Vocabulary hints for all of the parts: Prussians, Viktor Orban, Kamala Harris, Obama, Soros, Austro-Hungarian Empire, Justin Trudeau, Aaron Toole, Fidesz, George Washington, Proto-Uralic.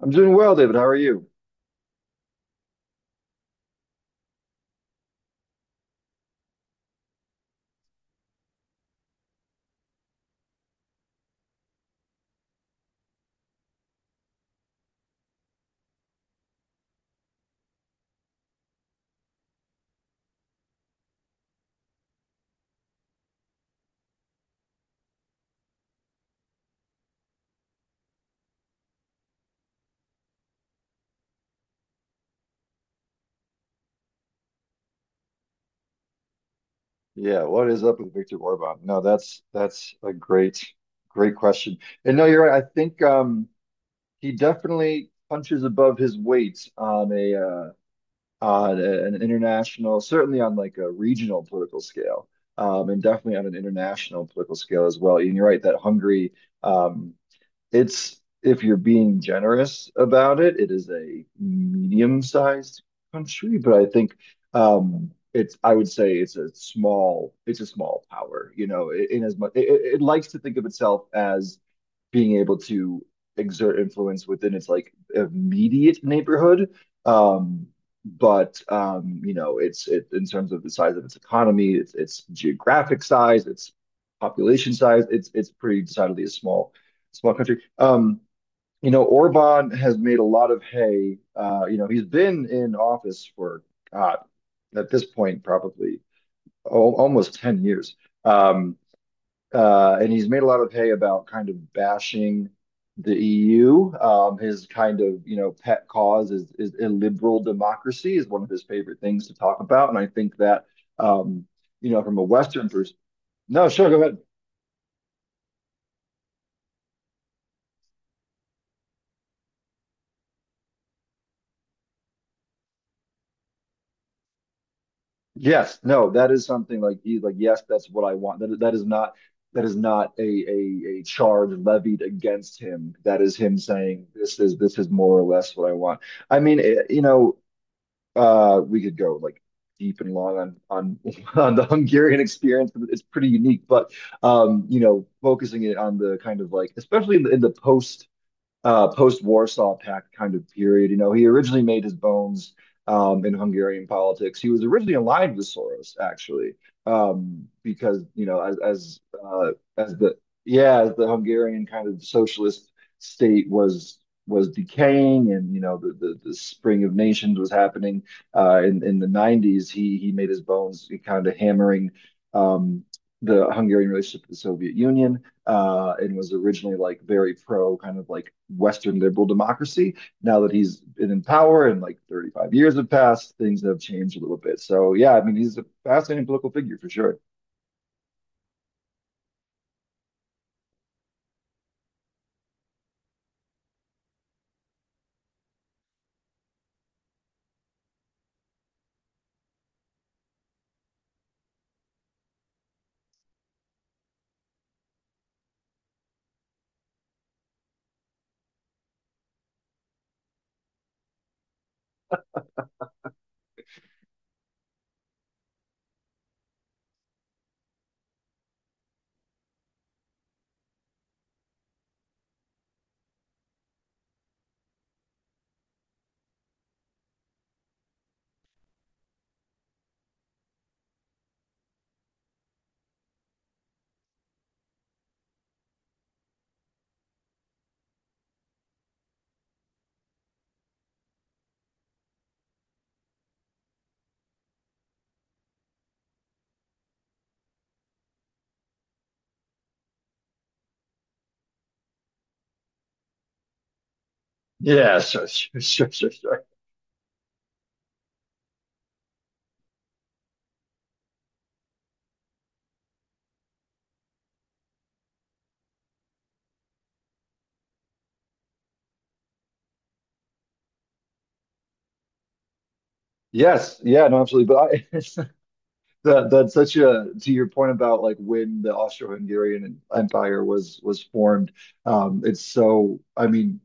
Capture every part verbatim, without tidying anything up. I'm doing well, David. How are you? Yeah, what is up with Viktor Orban? No, that's that's a great, great question. And no, you're right. I think um he definitely punches above his weight on a uh on a- an international, certainly on like a regional political scale, um, and definitely on an international political scale as well. And you're right that Hungary um it's if you're being generous about it, it is a medium-sized country, but I think um, it's I would say it's a small it's a small power. You know, in as much it it likes to think of itself as being able to exert influence within its like immediate neighborhood. Um, but um, You know, it's it in terms of the size of its economy, its its geographic size, its population size, it's it's pretty decidedly a small small country. Um, you know, Orban has made a lot of hay. Uh, you know, he's been in office for God, at this point probably al almost ten years. Um, uh, and he's made a lot of hay about kind of bashing the E U. Um, his kind of, you know, pet cause is is illiberal democracy, is one of his favorite things to talk about, and I think that um, you know, from a Western perspective. No, sure, go ahead. Yes, no, that is something like he's like, yes, that's what I want. That that is not that is not a a a charge levied against him. That is him saying this is this is more or less what I want. I mean, it, you know, Uh, we could go like deep and long on on on the Hungarian experience, but it's pretty unique. But um, you know, focusing it on the kind of like, especially in the, in the post uh, post-Warsaw Pact kind of period. You know, he originally made his bones um, in Hungarian politics. He was originally aligned with Soros, actually, um, because you know, as as uh, as the yeah, as the Hungarian kind of socialist state was was decaying, and you know, the the, the spring of nations was happening uh, in in the nineties. He he made his bones kind of hammering. Um, the Hungarian relationship with the Soviet Union, uh, and was originally like very pro kind of like Western liberal democracy. Now that he's been in power and like thirty-five years have passed, things have changed a little bit. So yeah, I mean, he's a fascinating political figure for sure. Yeah, sure, sure, sure, sure, sure. Yes, yeah, no, absolutely. But I, That that's such a to your point about like when the Austro-Hungarian Empire was was formed. Um, it's so I mean,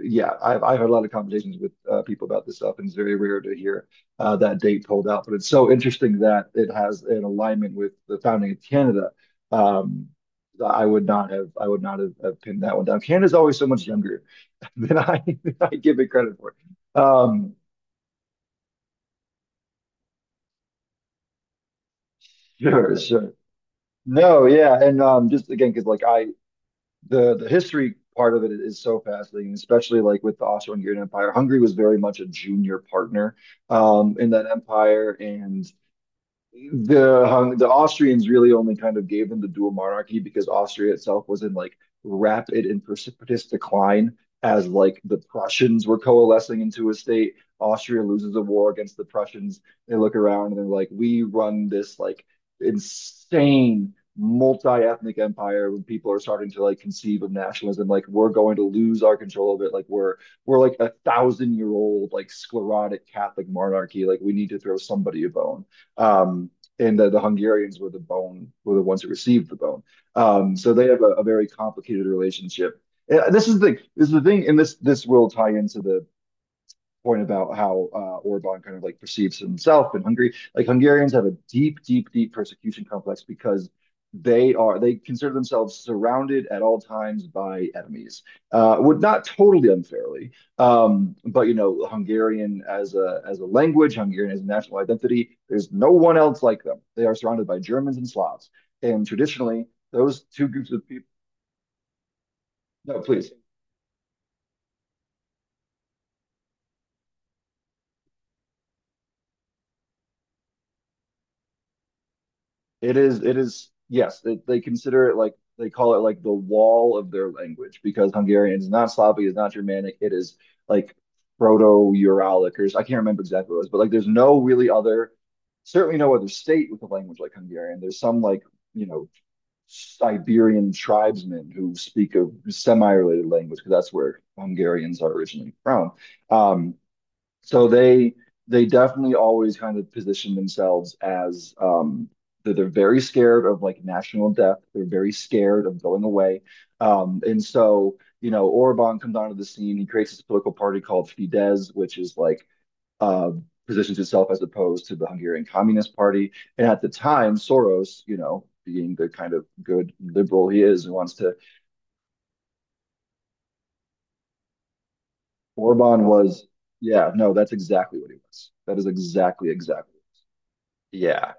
yeah, I've I've had a lot of conversations with uh, people about this stuff, and it's very rare to hear uh, that date pulled out. But it's so interesting that it has an alignment with the founding of Canada. Um, I would not have I would not have, have pinned that one down. Canada's always so much younger than I than I give it credit for. Um, sure, sure. No, yeah, and um, just again, because like I the the history part of it is so fascinating, especially like with the Austro-Hungarian Empire. Hungary was very much a junior partner um, in that empire, and the Hung, the Austrians really only kind of gave them the dual monarchy because Austria itself was in like rapid and precipitous decline as like the Prussians were coalescing into a state. Austria loses a war against the Prussians. They look around and they're like, we run this like insane multi-ethnic empire. When people are starting to like conceive of nationalism, like we're going to lose our control of it, like we're we're like a thousand year old like sclerotic catholic monarchy, like we need to throw somebody a bone, um, and the, the Hungarians were the bone, were the ones who received the bone. Um, so they have a, a very complicated relationship. Uh, This is the this is the thing, and this this will tie into the point about how uh, Orban kind of like perceives himself in Hungary. Like Hungarians have a deep, deep, deep persecution complex because they are they consider themselves surrounded at all times by enemies. Uh, would not totally unfairly, um, but you know, Hungarian as a as a language, Hungarian as a national identity, there's no one else like them. They are surrounded by Germans and Slavs, and traditionally those two groups of people. No, please. It is, it is, yes, they, they consider it like they call it like the wall of their language, because Hungarian is not Slavic, it's not Germanic, it is like Proto-Uralic or s- I can't remember exactly what it was, but like there's no really other, certainly no other state with a language like Hungarian. There's some like, you know, Siberian tribesmen who speak a semi-related language because that's where Hungarians are originally from. Um, so they they definitely always kind of position themselves as um they're, they're very scared of like national death. They're very scared of going away. Um, and so, you know, Orban comes onto the scene. He creates this political party called Fidesz, which is like uh positions itself as opposed to the Hungarian Communist Party. And at the time, Soros, you know, being the kind of good liberal he is and wants to. Orban was, yeah, no, that's exactly what he was. That is exactly, exactly. Yeah.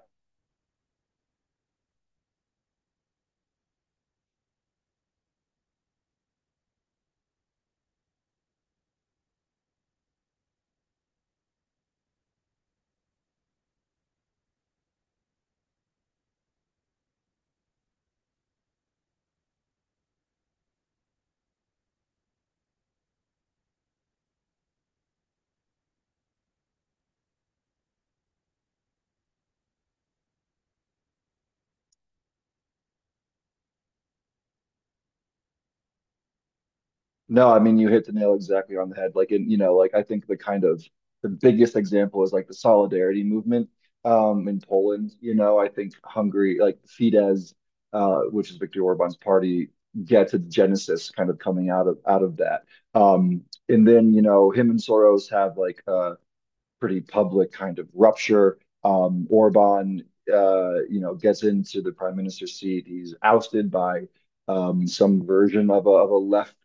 No, I mean you hit the nail exactly on the head. Like in, you know, like I think the kind of the biggest example is like the solidarity movement um in Poland. You know, I think Hungary, like Fidesz, uh, which is Viktor Orban's party, gets its genesis kind of coming out of out of that. Um, and then, you know, him and Soros have like uh pretty public kind of rupture. Um, Orban, uh, you know, gets into the prime minister's seat. He's ousted by um, some version of a, of a left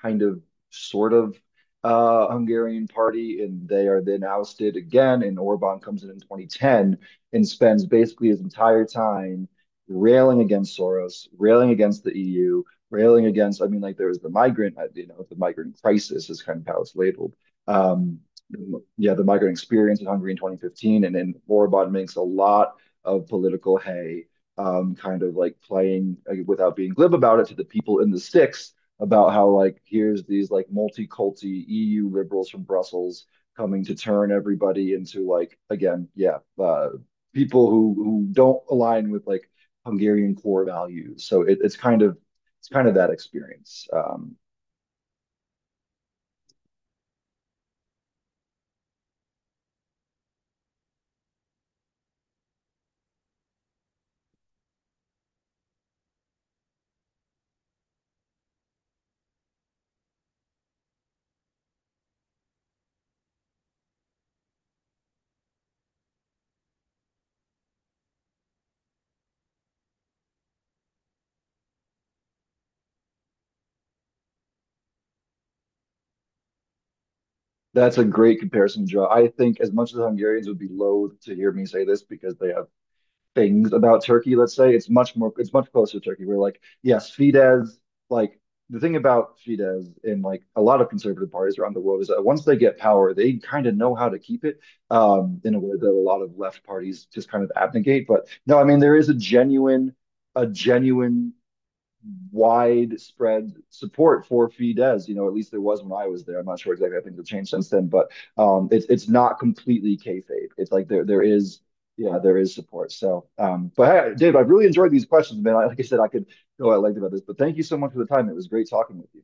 kind of sort of uh, Hungarian party, and they are then ousted again. And Orban comes in in twenty ten and spends basically his entire time railing against Soros, railing against the E U, railing against. I mean, like there was the migrant, you know, the migrant crisis is kind of how it's labeled. Um, yeah, the migrant experience in Hungary in twenty fifteen. And then Orbán makes a lot of political hay, um, kind of like playing like, without being glib about it, to the people in the sticks about how like here's these like multi-culti E U liberals from Brussels coming to turn everybody into, like again, yeah, uh, people who who don't align with like Hungarian core values. So it, it's kind of it's kind of that experience. Um, That's a great comparison to draw. I think as much as the Hungarians would be loath to hear me say this because they have things about Turkey, let's say, it's much more it's much closer to Turkey. We're like, yes, Fidesz, like the thing about Fidesz and like a lot of conservative parties around the world is that once they get power, they kind of know how to keep it, um, in a way that a lot of left parties just kind of abnegate. But no, I mean there is a genuine, a genuine widespread support for Fidesz. You know, at least there was when I was there. I'm not sure exactly. I think it's changed since then, but um, it's it's not completely kayfabe. It's like there there is yeah there is support. So, um, but hey, Dave, I've really enjoyed these questions, man. Like I said, I could go at length about this, but thank you so much for the time. It was great talking with you.